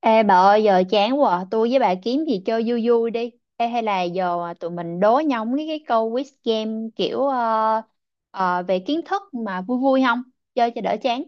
Ê bà ơi, giờ chán quá à. Tôi với bà kiếm gì chơi vui vui đi. Ê, hay là giờ tụi mình đố nhau mấy cái câu quiz game kiểu, về kiến thức mà vui vui không? Chơi cho đỡ chán.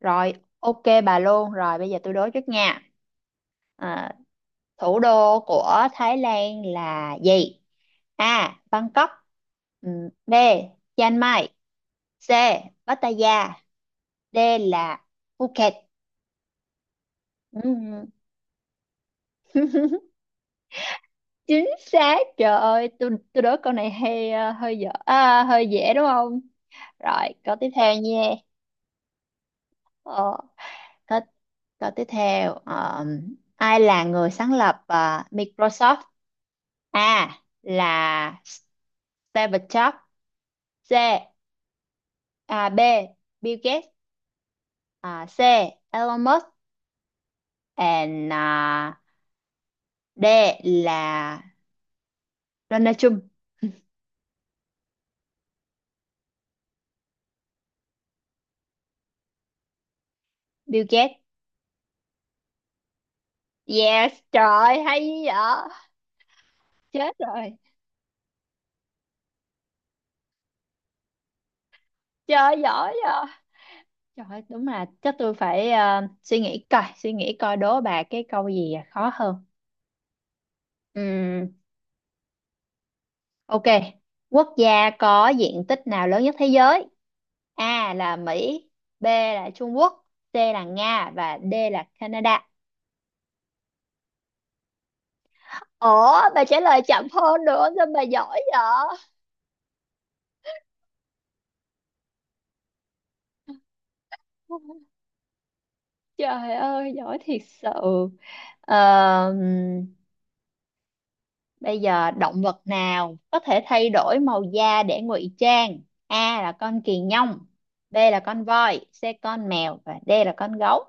Rồi, ok bà luôn. Rồi bây giờ tôi đố trước nha. Ờ, Thủ đô của Thái Lan là gì? A. Bangkok. B. Chiang Mai. C. Pattaya. D là Phuket. Ừ, chính xác. Trời ơi, tôi đố câu này hay hơi dở, à hơi dễ đúng không? Rồi, câu tiếp theo nha. ờ, câu, câu tiếp theo, ai là người sáng lập Microsoft? A là Steve Jobs. C B, Bill Gates. À, C, Elon Musk. and à, D là Donald Trump. Bill Gates. Yes, trời ơi, hay dữ vậy. Chết rồi. Trời ơi, giỏi vậy. Trời ơi, đúng là chắc tôi phải suy nghĩ coi đố bà cái câu gì, à khó hơn. Ừm, ok. Quốc gia có diện tích nào lớn nhất thế giới? A là Mỹ, B là Trung Quốc, C là Nga và D là Canada. Ủa, bà trả lời chậm hơn nữa, sao bà giỏi vậy? Trời ơi, giỏi thiệt sự. Ờ, Bây giờ động vật nào có thể thay đổi màu da để ngụy trang? A là con kỳ nhông, B là con voi, C con mèo và D là con gấu.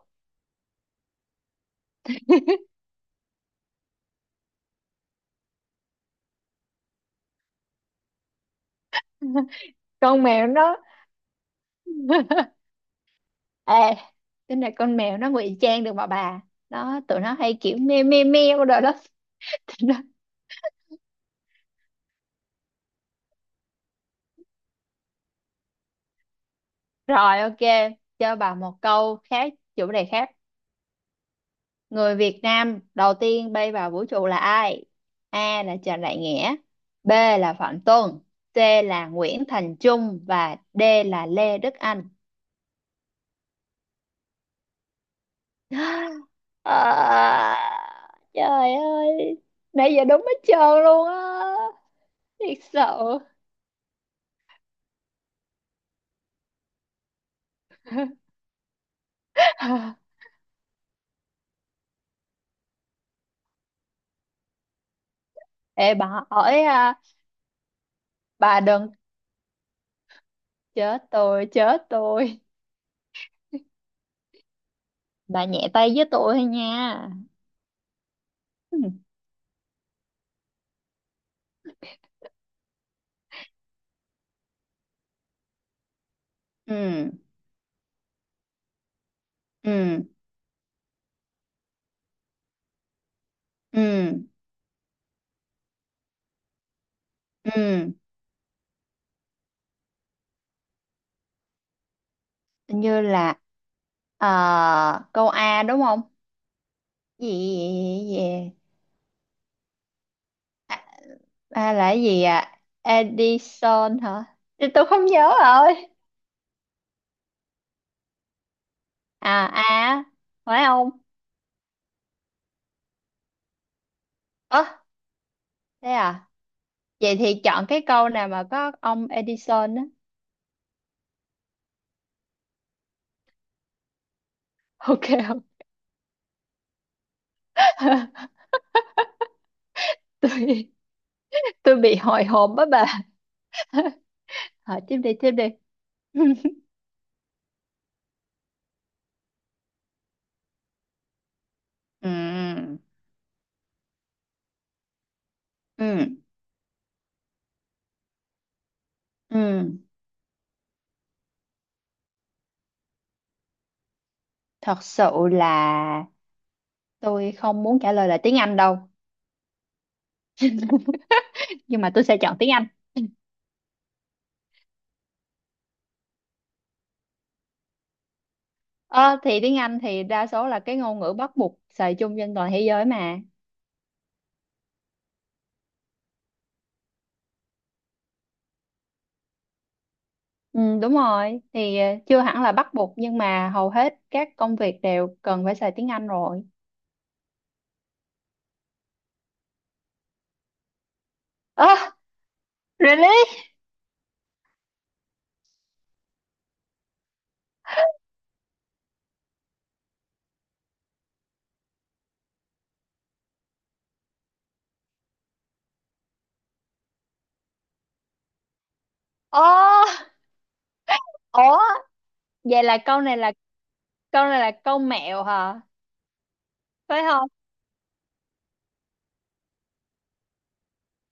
Con mèo nó. Ê, cái này con mèo nó ngụy trang được mà bà. Tụi nó hay kiểu meo meo meo đồ đó. Tụi nó- Rồi, ok, cho bà một câu khác, chủ đề khác. Người Việt Nam đầu tiên bay vào vũ trụ là ai? A là Trần Đại Nghĩa, B là Phạm Tuân, C là Nguyễn Thành Trung và D là Lê Đức Anh. À, trời ơi, nãy giờ đúng hết trơn luôn á, thiệt sự. Ê, bà hỏi à, bà đừng chết tôi, chết tôi. Bà nhẹ tay với tôi thôi nha. Ừ, ừ, ừ, ừ. Ừ, như là câu A đúng không? Gì gì à, à, A là cái gì, à Edison hả? Thì tôi không nhớ rồi. À, A phải không? Ơ, thế à? Vậy thì chọn cái câu nào mà có ông Edison á. Ok. Không. tôi tôi bị hồi hộp á bà. Hỏi tiếp đi, tiếp đi. Ừ, ừ, ừ, thật sự là tôi không muốn trả lời là tiếng Anh đâu. Nhưng mà tôi sẽ chọn tiếng Anh. Ờ, thì tiếng Anh thì đa số là cái ngôn ngữ bắt buộc xài chung trên toàn thế giới mà. Ừ, đúng rồi. Thì chưa hẳn là bắt buộc nhưng mà hầu hết các công việc đều cần phải xài tiếng Anh rồi. Ơ, really? Ồ, ủa, vậy là câu này là câu mẹo hả? Phải không?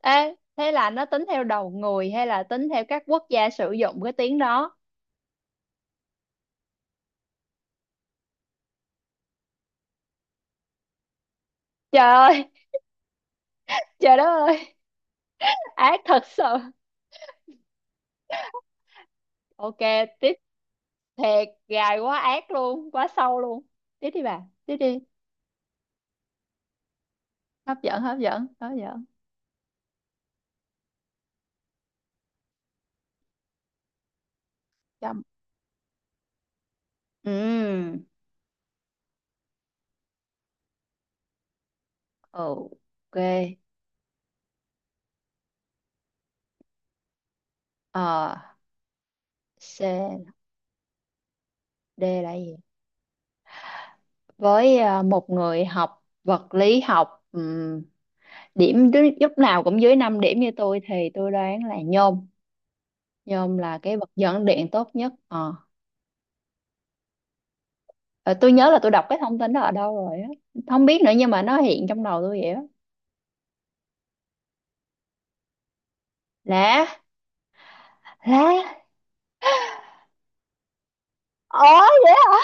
Ê, thế là nó tính theo đầu người hay là tính theo các quốc gia sử dụng cái tiếng đó? Trời ơi, trời đất ơi, ác thật sự. Ok, tiếp. Thiệt gài quá ác luôn, quá sâu luôn. Tiếp đi bà, tiếp đi. Hấp dẫn, hấp dẫn, hấp dẫn. Chăm. Ừm, ok. ờ C, D là gì? Với một người học vật lý học, lúc nào cũng dưới 5 điểm như tôi thì tôi đoán là nhôm. Nhôm là cái vật dẫn điện tốt nhất ờ Ờ, tôi nhớ là tôi đọc cái thông tin đó ở đâu rồi á, không biết nữa nhưng mà nó hiện trong đầu tôi vậy đó. Lá lá Ồ,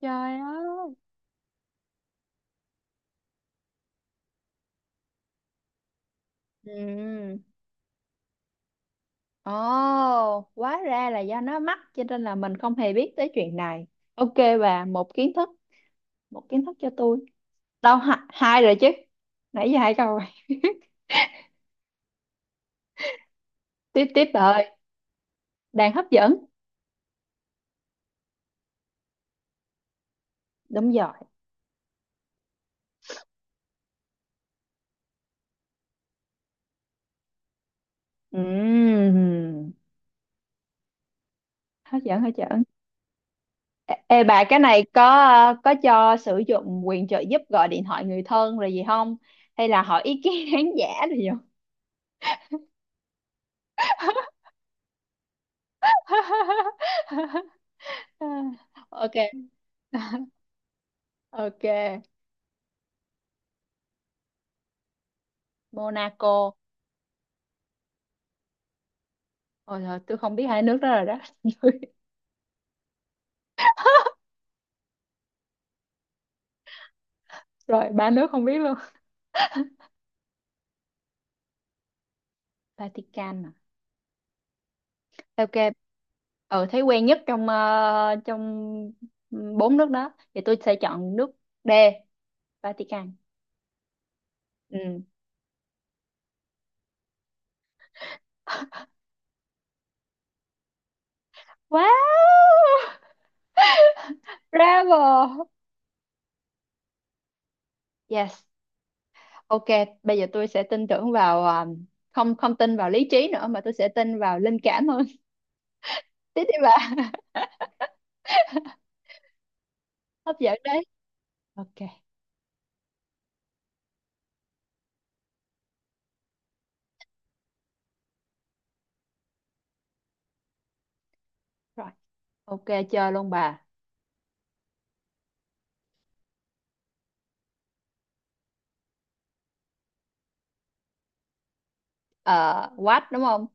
trời ơi. Ừ. Ồ, hóa ra là do nó mắc cho nên là mình không hề biết tới chuyện này. Ok bà, một kiến thức cho tôi. Đâu, hai, hai rồi chứ. Nãy giờ hai câu rồi. Tiếp, tiếp bà ơi, đang hấp dẫn. Đúng rồi. Ừm, Hấp dẫn, hấp dẫn. Ê, ê bà, cái này có có cho sử dụng quyền trợ giúp gọi điện thoại người thân rồi gì không? Hay là hỏi ý kiến khán giả rồi gì không? Ok. Ok. Monaco. Ôi trời, tôi không biết hai nước đó rồi đó. Rồi, ba nước không biết luôn. Vatican à? Ok. Ừ, thấy quen nhất trong bốn nước đó. Thì tôi sẽ chọn nước D, Vatican. Ừ. Wow. Bravo. Yes. Ok, bây giờ tôi sẽ tin tưởng vào không, không tin vào lý trí nữa mà tôi sẽ tin vào linh cảm hơn. Tiếp đi bà. Hấp dẫn đấy. Ok rồi. Ok, chơi luôn bà. Ờ, What đúng không?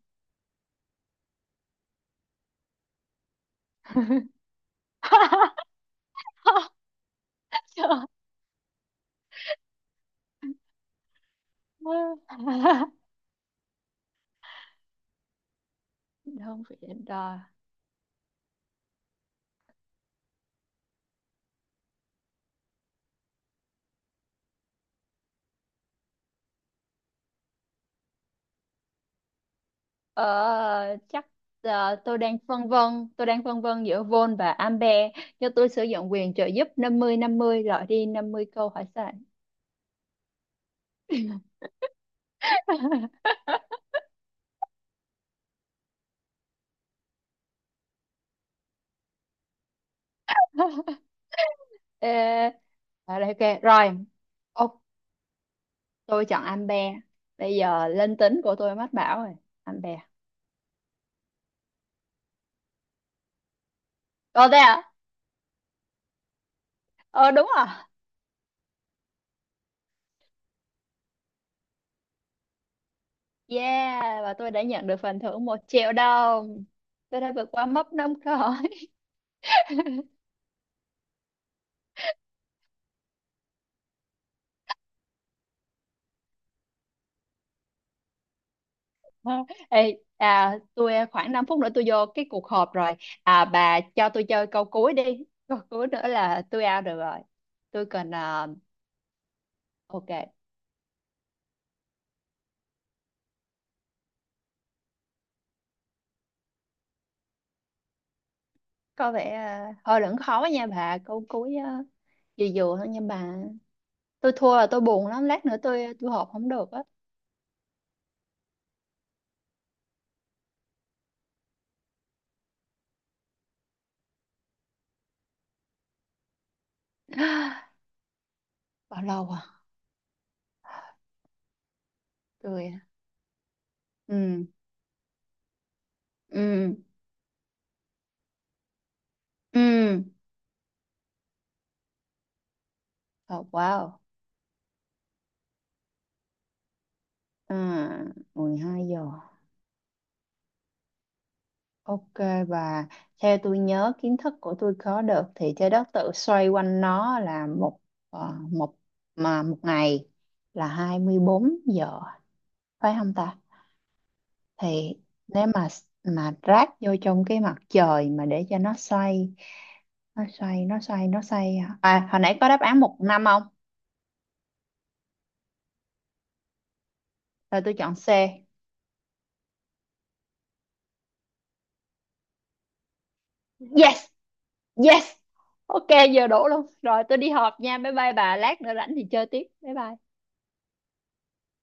Trời ơi. Đơn vị đo ờ, chắc tôi đang phân vân giữa volt và ampere. Cho tôi sử dụng quyền trợ giúp 50-50, loại đi 50 câu hỏi sai. Ê, ở đây ok rồi. Ô, tôi chọn ampere. Bây giờ linh tính của tôi mách bảo rồi. Ampere. Ồ, thế à? Ờ Đúng rồi. Yeah, và tôi đã nhận được phần thưởng 1 triệu đồng. Tôi đã vượt qua mốc năm câu. Ờ, Ê, tôi khoảng 5 phút nữa tôi vô cái cuộc họp rồi. À, bà cho tôi chơi câu cuối đi. Câu cuối nữa là tôi out được rồi. Tôi cần, ok. Có vẻ hơi lẫn khó nha bà. Câu cuối à, vừa vừa thôi nha bà. Tôi thua là tôi buồn lắm. Lát nữa tôi họp không được á. Bao lâu à? Tôi, ừ, ừ, ừ. Oh, wow. À, ừ, 12 giờ. Ok bà, theo tôi nhớ kiến thức của tôi có được thì trái đất tự xoay quanh nó là một ờ, một mà một ngày là 24 giờ phải không ta? Thì nếu mà ráp vô trong cái mặt trời mà để cho nó xoay, nó xoay nó xoay nó xoay hả? À, hồi nãy có đáp án một năm không? Rồi, tôi chọn C. Yes, yes. Ok, giờ đủ luôn. Rồi tôi đi họp nha. Bye bye bà, lát nữa rảnh thì chơi tiếp. Bye bye.